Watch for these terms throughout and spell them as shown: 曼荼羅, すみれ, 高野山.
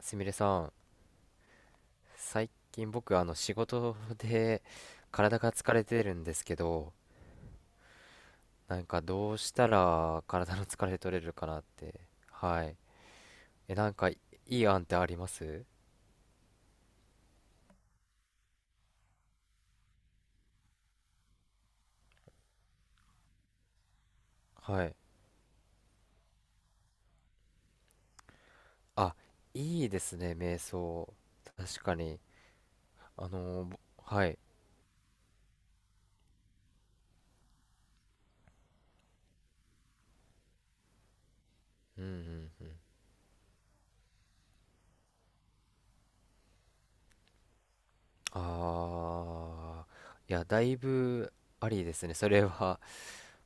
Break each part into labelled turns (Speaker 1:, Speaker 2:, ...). Speaker 1: すみれさん、最近僕仕事で体が疲れてるんですけど、なんかどうしたら体の疲れ取れるかなって。はい。なんかいい案ってあります？はい。あ、いいですね、瞑想。確かに。はい。うんうん。あー。いや、だいぶありですね。それは、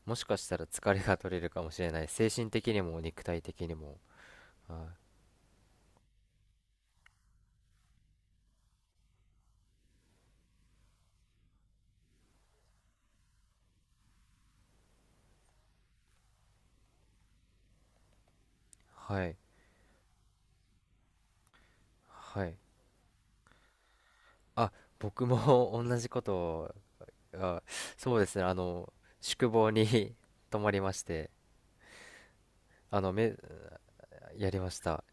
Speaker 1: もしかしたら疲れが取れるかもしれない。精神的にも肉体的にも。はい。はい。あ、僕も 同じことを、あ、そうですね、宿坊に 泊まりまして、あの、め、やりました。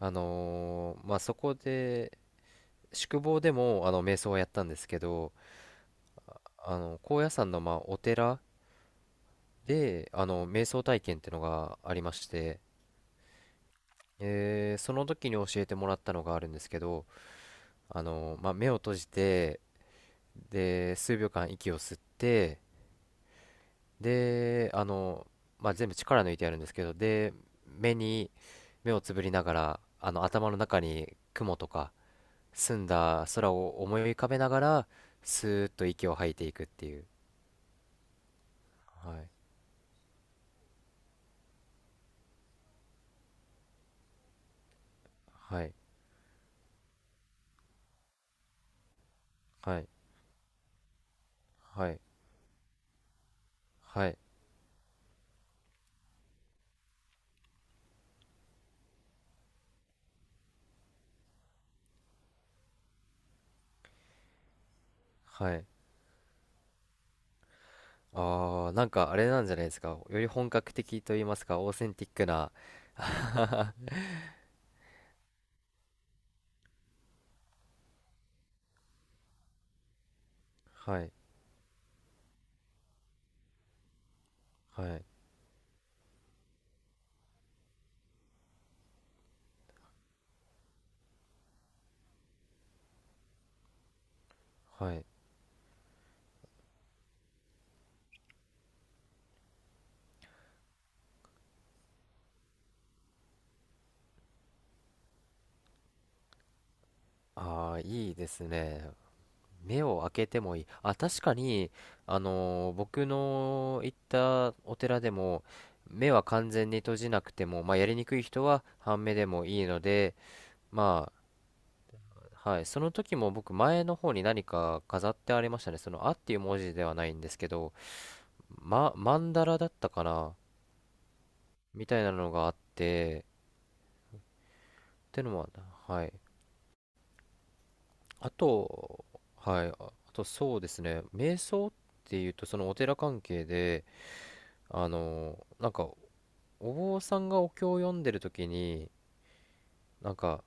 Speaker 1: まあ、そこで、宿坊でも、瞑想はやったんですけど、高野山の、まあ、お寺で、瞑想体験ってのがありまして、その時に教えてもらったのがあるんですけど、まあ、目を閉じて、で、数秒間息を吸って、で、まあ、全部力抜いてやるんですけど、で、目に、目をつぶりながら、頭の中に雲とか、澄んだ空を思い浮かべながら、スーッと息を吐いていくっていう。はい。はい。はい。はい。はい。はい。あー、なんかあれなんじゃないですか。より本格的と言いますか、オーセンティックな。はい。はい。はい。あー、いいですね。目を開けてもいい。あ、確かに、僕の行ったお寺でも、目は完全に閉じなくても、まあ、やりにくい人は半目でもいいので、まあ、はい、その時も僕、前の方に何か飾ってありましたね。その、あっていう文字ではないんですけど、ま、曼荼羅だったかなみたいなのがあって、ってのも、はい。あと、はい、あとそうですね、瞑想っていうと、そのお寺関係で、なんかお坊さんがお経を読んでる時になんか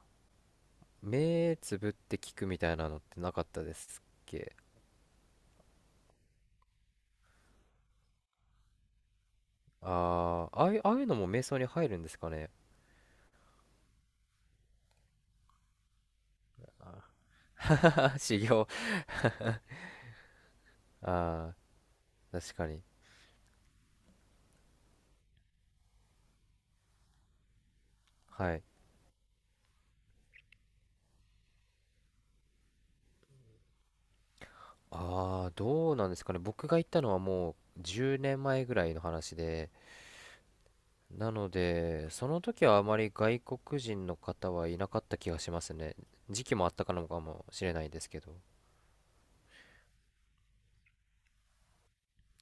Speaker 1: 目つぶって聞くみたいなのってなかったですっけ？ああいうのも瞑想に入るんですかね？ 修行 ああ、確かに。はい。ああ、どうなんですかね。僕が行ったのはもう10年前ぐらいの話で、なので、その時はあまり外国人の方はいなかった気がしますね。時期もあったかのかもしれないですけど。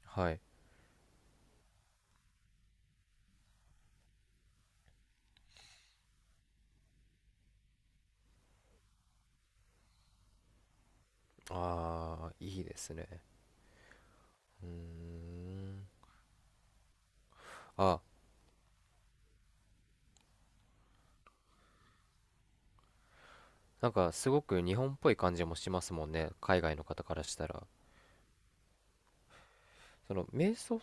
Speaker 1: はい。ああ、いいですね。うーん。あ、なんかすごく日本っぽい感じもしますもんね、海外の方からしたら。その瞑想っ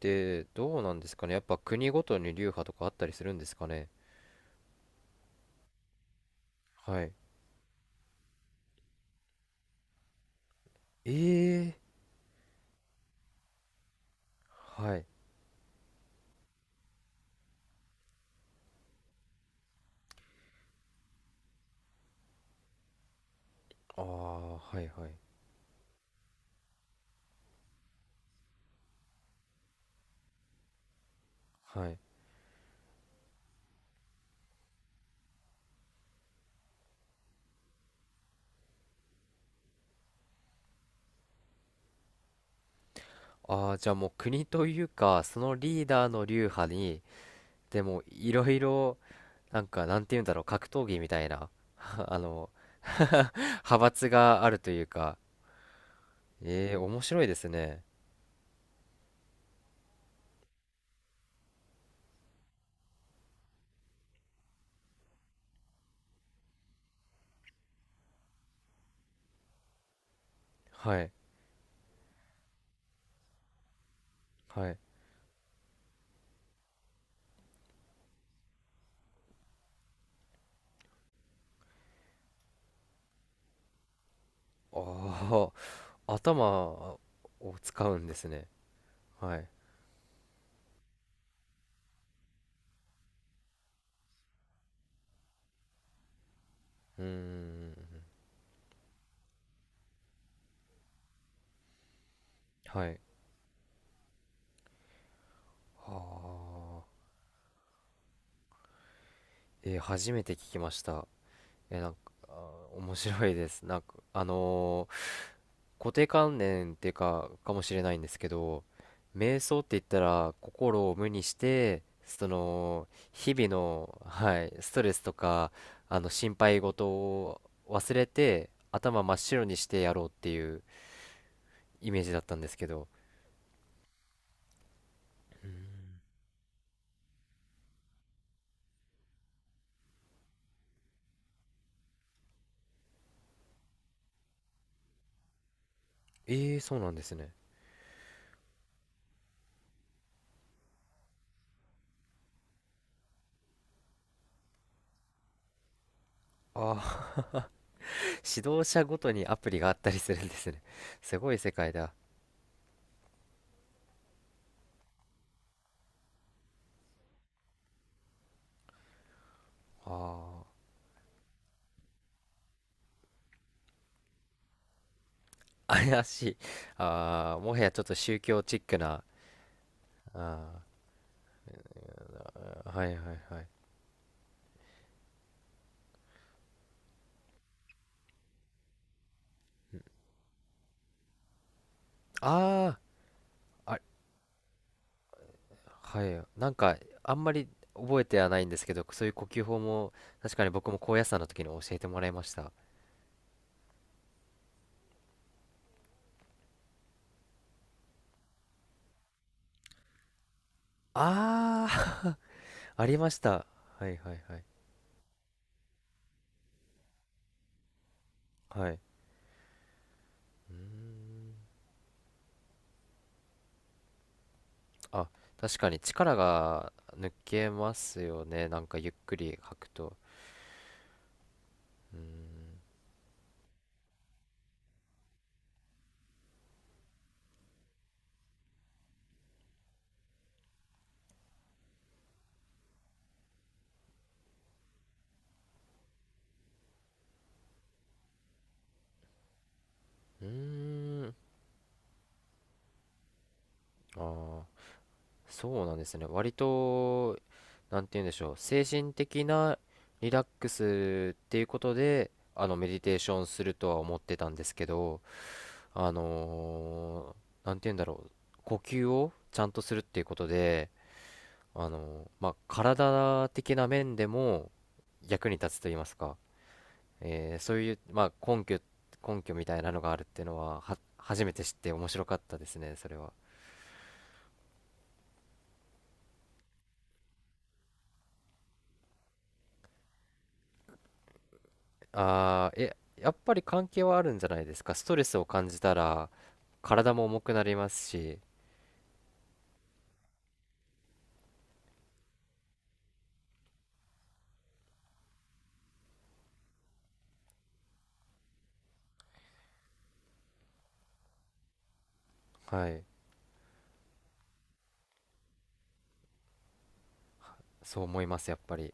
Speaker 1: てどうなんですかね、やっぱ国ごとに流派とかあったりするんですかね。はい。ええー、はい。ああ、はいはい。はい。ああ、じゃあもう国というか、そのリーダーの流派に、でもいろいろ、なんかなんて言うんだろう、格闘技みたいな、あの、派閥があるというか、ええー、面白いですね。はい。はい。ああ、頭を使うんですね。はい。うーん。はい。はあ。えー、初めて聞きました。なんか、あー、面白いです。なんか、固定観念っていうか、かもしれないんですけど、瞑想って言ったら、心を無にして、日々の、はい、ストレスとか、心配事を忘れて、頭真っ白にしてやろうっていうイメージだったんですけど、ええー、そうなんですね。ああ、 指導者ごとにアプリがあったりするんですね。すごい世界だ。ああ、怪しい。ああ、もはやちょっと宗教チックな。ああ、はいはいはい。ああ、あ、はい。なんか、あんまり覚えてはないんですけど、そういう呼吸法も、確かに僕も高野山の時に教えてもらいました。ああ、 ありました。はいはいはい。はい。あ、確かに力が抜けますよね。なんかゆっくり吐くと。うん、うーん、ああ、そうなんですね。割と、なんて言うんでしょう。精神的なリラックスっていうことで、メディテーションするとは思ってたんですけど、あのなんて言うんだろう。呼吸をちゃんとするっていうことで、まあ、体的な面でも役に立つと言いますか。そういう、まあ、根拠みたいなのがあるっていうのは、初めて知って面白かったですね、それは。あー、え、やっぱり関係はあるんじゃないですか。ストレスを感じたら、体も重くなりますし、はい、そう思います、やっぱり。